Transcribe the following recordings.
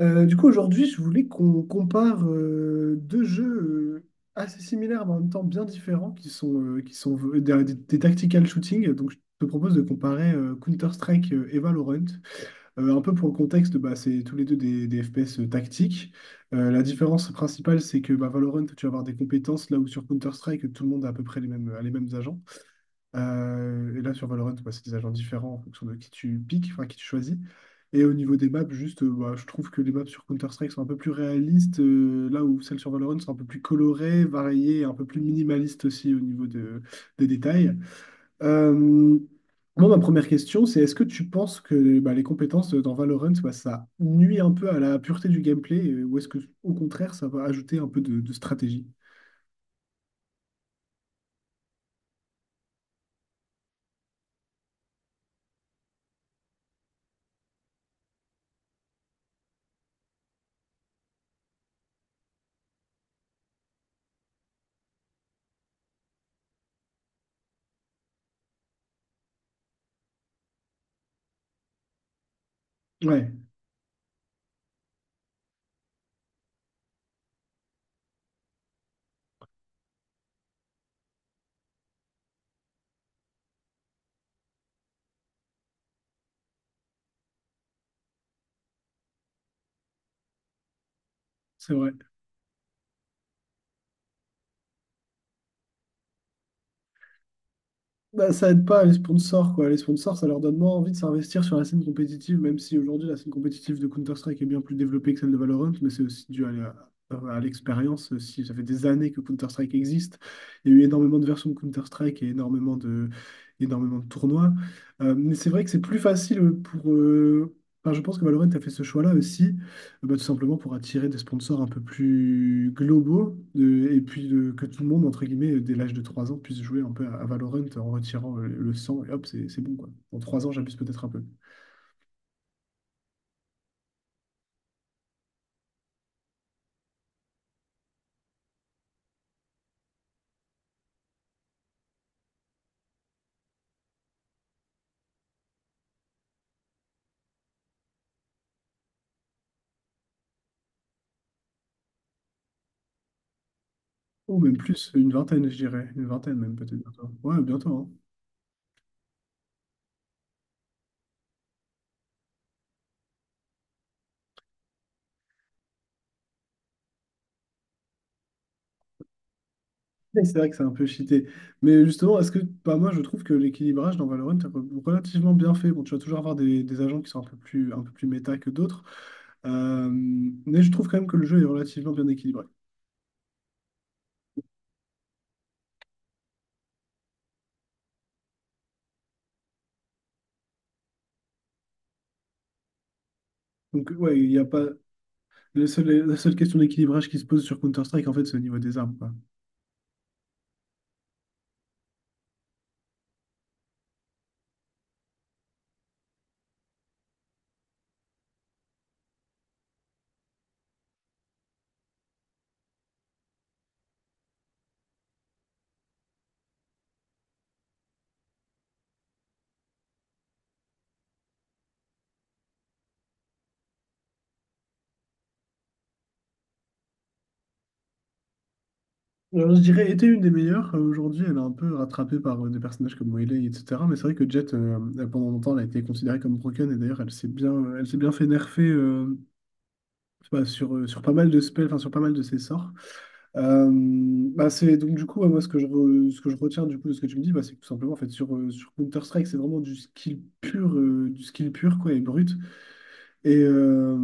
Du coup, aujourd'hui, je voulais qu'on compare deux jeux euh, assez similaires, mais en même temps bien différents, qui sont des tactical shooting. Donc, je te propose de comparer Counter-Strike et Valorant. Un peu pour le contexte, bah, c'est tous les deux des FPS tactiques. La différence principale, c'est que bah, Valorant, tu vas avoir des compétences, là où sur Counter-Strike, tout le monde a à peu près les mêmes, a les mêmes agents. Et là, sur Valorant, bah, c'est des agents différents en fonction de qui tu piques, enfin qui tu choisis. Et au niveau des maps, juste, bah, je trouve que les maps sur Counter-Strike sont un peu plus réalistes, là où celles sur Valorant sont un peu plus colorées, variées, et un peu plus minimalistes aussi au niveau des détails. Euh, Moi, ma première question, c'est est-ce que tu penses que bah, les compétences dans Valorant, bah, ça nuit un peu à la pureté du gameplay, ou est-ce que au contraire, ça va ajouter un peu de stratégie? Ouais, c'est vrai. Bah, ça aide pas les sponsors, quoi. Les sponsors, ça leur donne moins envie de s'investir sur la scène compétitive, même si aujourd'hui la scène compétitive de Counter-Strike est bien plus développée que celle de Valorant, mais c'est aussi dû à à l'expérience. Si ça fait des années que Counter-Strike existe, il y a eu énormément de versions de Counter-Strike et énormément de tournois. Mais c'est vrai que c'est plus facile pour. Enfin, je pense que Valorant a fait ce choix-là aussi bah, tout simplement pour attirer des sponsors un peu plus globaux et puis que tout le monde, entre guillemets, dès l'âge de 3 ans, puisse jouer un peu à Valorant en retirant le sang et hop, c'est bon quoi. En 3 ans, j'abuse peut-être un peu. Ou même plus, une vingtaine, je dirais. Une vingtaine même peut-être bientôt. Ouais, bientôt, hein. Mais c'est vrai que c'est un peu cheaté. Mais justement, est-ce que, bah, moi, je trouve que l'équilibrage dans Valorant est relativement bien fait. Bon, tu vas toujours avoir des agents qui sont un peu plus méta que d'autres. Mais je trouve quand même que le jeu est relativement bien équilibré. Donc, ouais, il n'y a pas. La seule question d'équilibrage qui se pose sur Counter-Strike, en fait, c'est au niveau des armes, quoi. Alors, je dirais, était une des meilleures. Aujourd'hui, elle est un peu rattrapée par des personnages comme Melee, etc. Mais c'est vrai que Jett, elle, pendant longtemps, elle a été considérée comme broken. Et d'ailleurs, elle s'est bien fait nerfer enfin, sur, sur pas mal de spells, enfin, sur pas mal de ses sorts. Euh, Bah c'est donc du coup ouais, moi ce que je ce que je retiens du coup de ce que tu me dis bah, c'est que tout simplement en fait sur sur Counter Strike c'est vraiment du skill pur quoi et brut et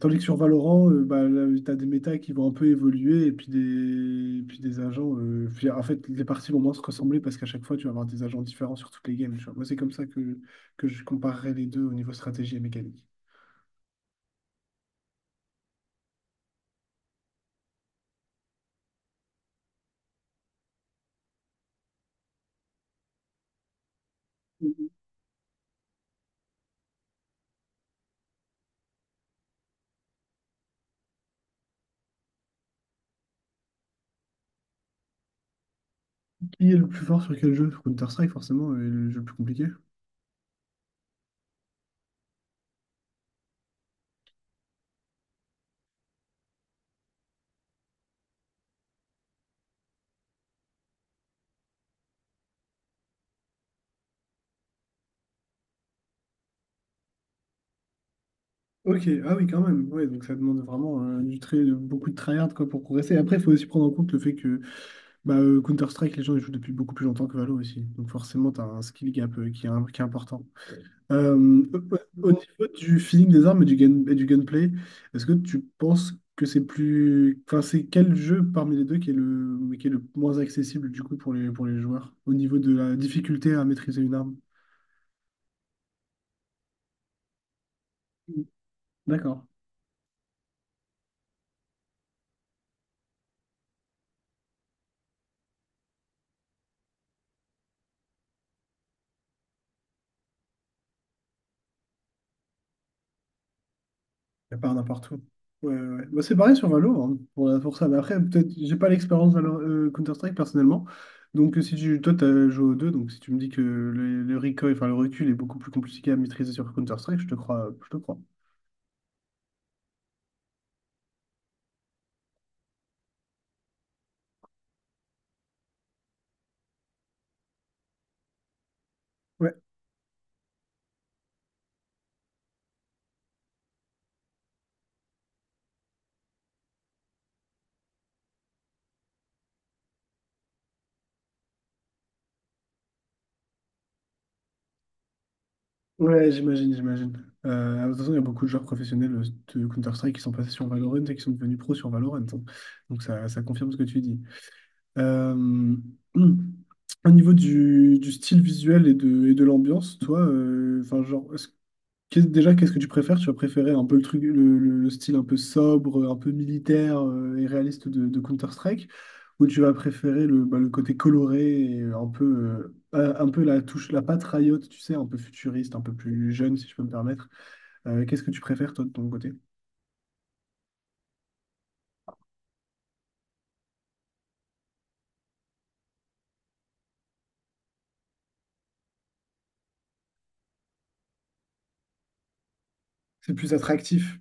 tandis que sur Valorant bah là, t'as des méta qui vont un peu évoluer et puis des agents puis, en fait les parties vont moins se ressembler parce qu'à chaque fois tu vas avoir des agents différents sur toutes les games tu vois. Moi c'est comme ça que je comparerais les deux au niveau stratégie et mécanique. Qui est le plus fort sur quel jeu? Sur Counter Strike forcément est le jeu le plus compliqué. Ok, ah oui, quand même. Ouais, donc ça demande vraiment du très, beaucoup de tryhard quoi, pour progresser. Après, il faut aussi prendre en compte le fait que bah, Counter-Strike, les gens ils jouent depuis beaucoup plus longtemps que Valo aussi. Donc forcément, tu as un skill gap qui est, qui est important. Euh, au niveau du feeling des armes et du, et du gunplay, est-ce que tu penses que c'est plus... Enfin, c'est quel jeu parmi les deux qui est le moins accessible du coup pour les joueurs au niveau de la difficulté à maîtriser une arme? D'accord. Il n'y a pas n'importe où. Ouais, ouais, ouais. Bah, c'est pareil sur Valo, hein, pour, pour ça. Mais après, peut-être, j'ai pas l'expérience Counter-Strike personnellement. Donc, si tu, toi, t'as joué aux deux, donc si tu me dis que le recoil, enfin le recul est beaucoup plus compliqué à maîtriser sur Counter-Strike, je te crois, je te crois. Ouais, ouais, j'imagine, j'imagine. De toute façon, il y a beaucoup de joueurs professionnels de Counter-Strike qui sont passés sur Valorant et qui sont devenus pros sur Valorant, hein. Donc, ça confirme ce que tu dis. Euh, Au niveau du style visuel et de l'ambiance, toi, enfin, genre, qu'est-ce que tu préfères? Tu as préféré un peu le truc, le, le style un peu sobre, un peu militaire et réaliste de Counter-Strike, ou tu vas préférer le, bah, le côté coloré et un peu la touche, la patte Riot, tu sais, un peu futuriste, un peu plus jeune, si je peux me permettre. Qu'est-ce que tu préfères, toi, de ton côté? C'est plus attractif.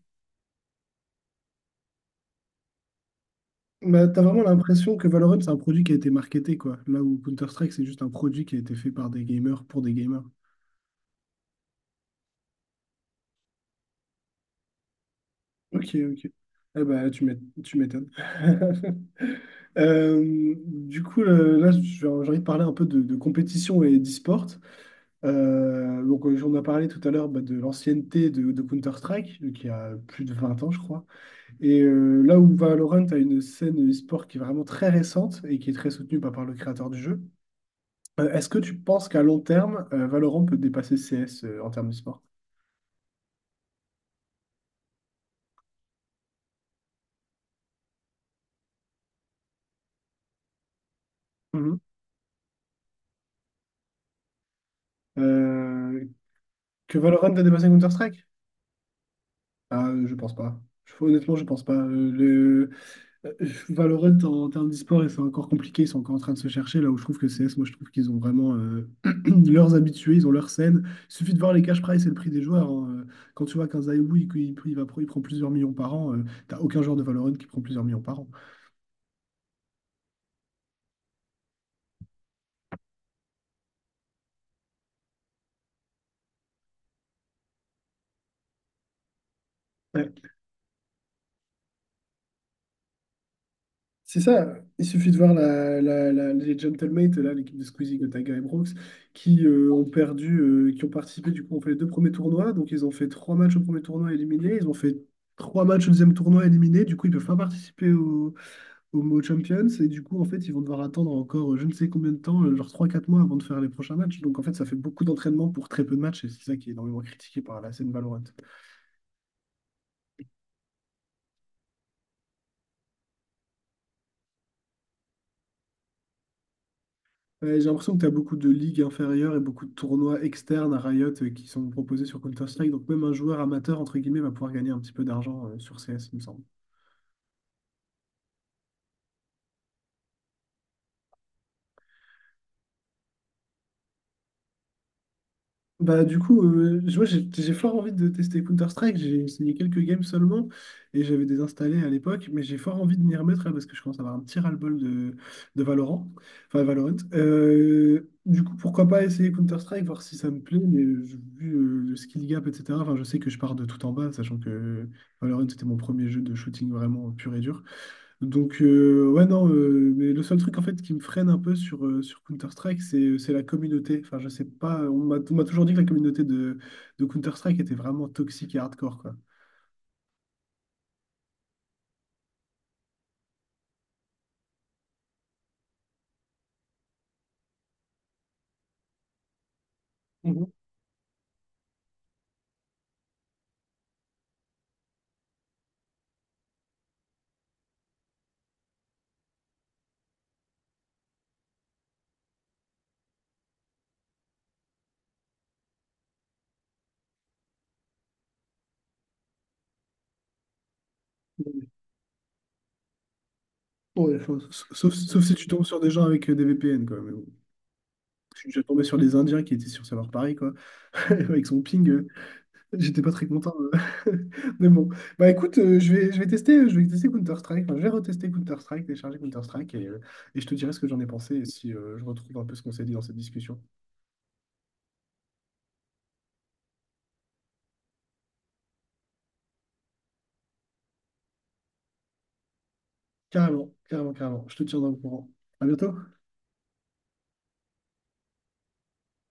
Bah, t'as vraiment l'impression que Valorant, c'est un produit qui a été marketé, quoi. Là où Counter-Strike, c'est juste un produit qui a été fait par des gamers pour des gamers. Ok, ok. Eh ben, tu m'étonnes. Là, j'ai envie de parler un peu de compétition et d'e-sport. Donc, on a parlé tout à l'heure bah, de l'ancienneté de Counter-Strike, qui a plus de 20 ans, je crois. Et là où Valorant a une scène e-sport qui est vraiment très récente et qui est très soutenue bah, par le créateur du jeu, est-ce que tu penses qu'à long terme, Valorant peut dépasser CS en termes d'e-sport? Mhm. Euh, que Valorant a dépassé Counter-Strike? Ah, je pense pas. Honnêtement, je pense pas. Euh, Valorant, en, termes d'e-sport, c'est encore compliqué. Ils sont encore en train de se chercher. Là où je trouve que CS, moi, je trouve qu'ils ont vraiment leurs habitués, ils ont leur scène. Il suffit de voir les cash prizes et le prix des joueurs, hein. Quand tu vois qu'un Zaïou, il, il va, il prend plusieurs millions par an, t'as aucun joueur de Valorant qui prend plusieurs millions par an. C'est ça, il suffit de voir la, les Gentlemates, là, l'équipe de Squeezie, Gotaga et Brooks, qui ont perdu, qui ont participé, du coup, ont fait les deux premiers tournois, donc ils ont fait trois matchs au premier tournoi éliminés, ils ont fait trois matchs au deuxième tournoi éliminés, du coup, ils peuvent pas participer au, au Mo Champions, et du coup, en fait, ils vont devoir attendre encore je ne sais combien de temps, genre trois quatre mois avant de faire les prochains matchs, donc en fait, ça fait beaucoup d'entraînement pour très peu de matchs, et c'est ça qui est énormément critiqué par la scène Valorant. Ouais, j'ai l'impression que tu as beaucoup de ligues inférieures et beaucoup de tournois externes à Riot qui sont proposés sur Counter-Strike. Donc même un joueur amateur, entre guillemets, va pouvoir gagner un petit peu d'argent sur CS, il me semble. Bah du coup, moi j'ai fort envie de tester Counter-Strike, j'ai essayé quelques games seulement et j'avais désinstallé à l'époque, mais j'ai fort envie de m'y remettre là, parce que je commence à avoir un petit ras-le-bol de Valorant, enfin Valorant. Du coup, pourquoi pas essayer Counter-Strike, voir si ça me plaît, mais vu le skill gap, etc., enfin je sais que je pars de tout en bas, sachant que Valorant c'était mon premier jeu de shooting vraiment pur et dur. Donc, ouais, non, mais le seul truc en fait qui me freine un peu sur, sur Counter-Strike, c'est la communauté. Enfin, je sais pas, on m'a toujours dit que la communauté de Counter-Strike était vraiment toxique et hardcore, quoi. Mhm. Ouais, enfin, sauf si tu tombes sur des gens avec des VPN, quoi. Mais bon, je suis déjà tombé sur des Indiens qui étaient sur serveur Paris, quoi, avec son ping. J'étais pas très content. euh. Mais bon. Bah écoute, je vais tester, je vais tester Counter-Strike. Enfin, je vais retester Counter-Strike, télécharger Counter-Strike et je te dirai ce que j'en ai pensé et si je retrouve un peu ce qu'on s'est dit dans cette discussion. Carrément, carrément, carrément. Je te tiendrai au courant. À bientôt.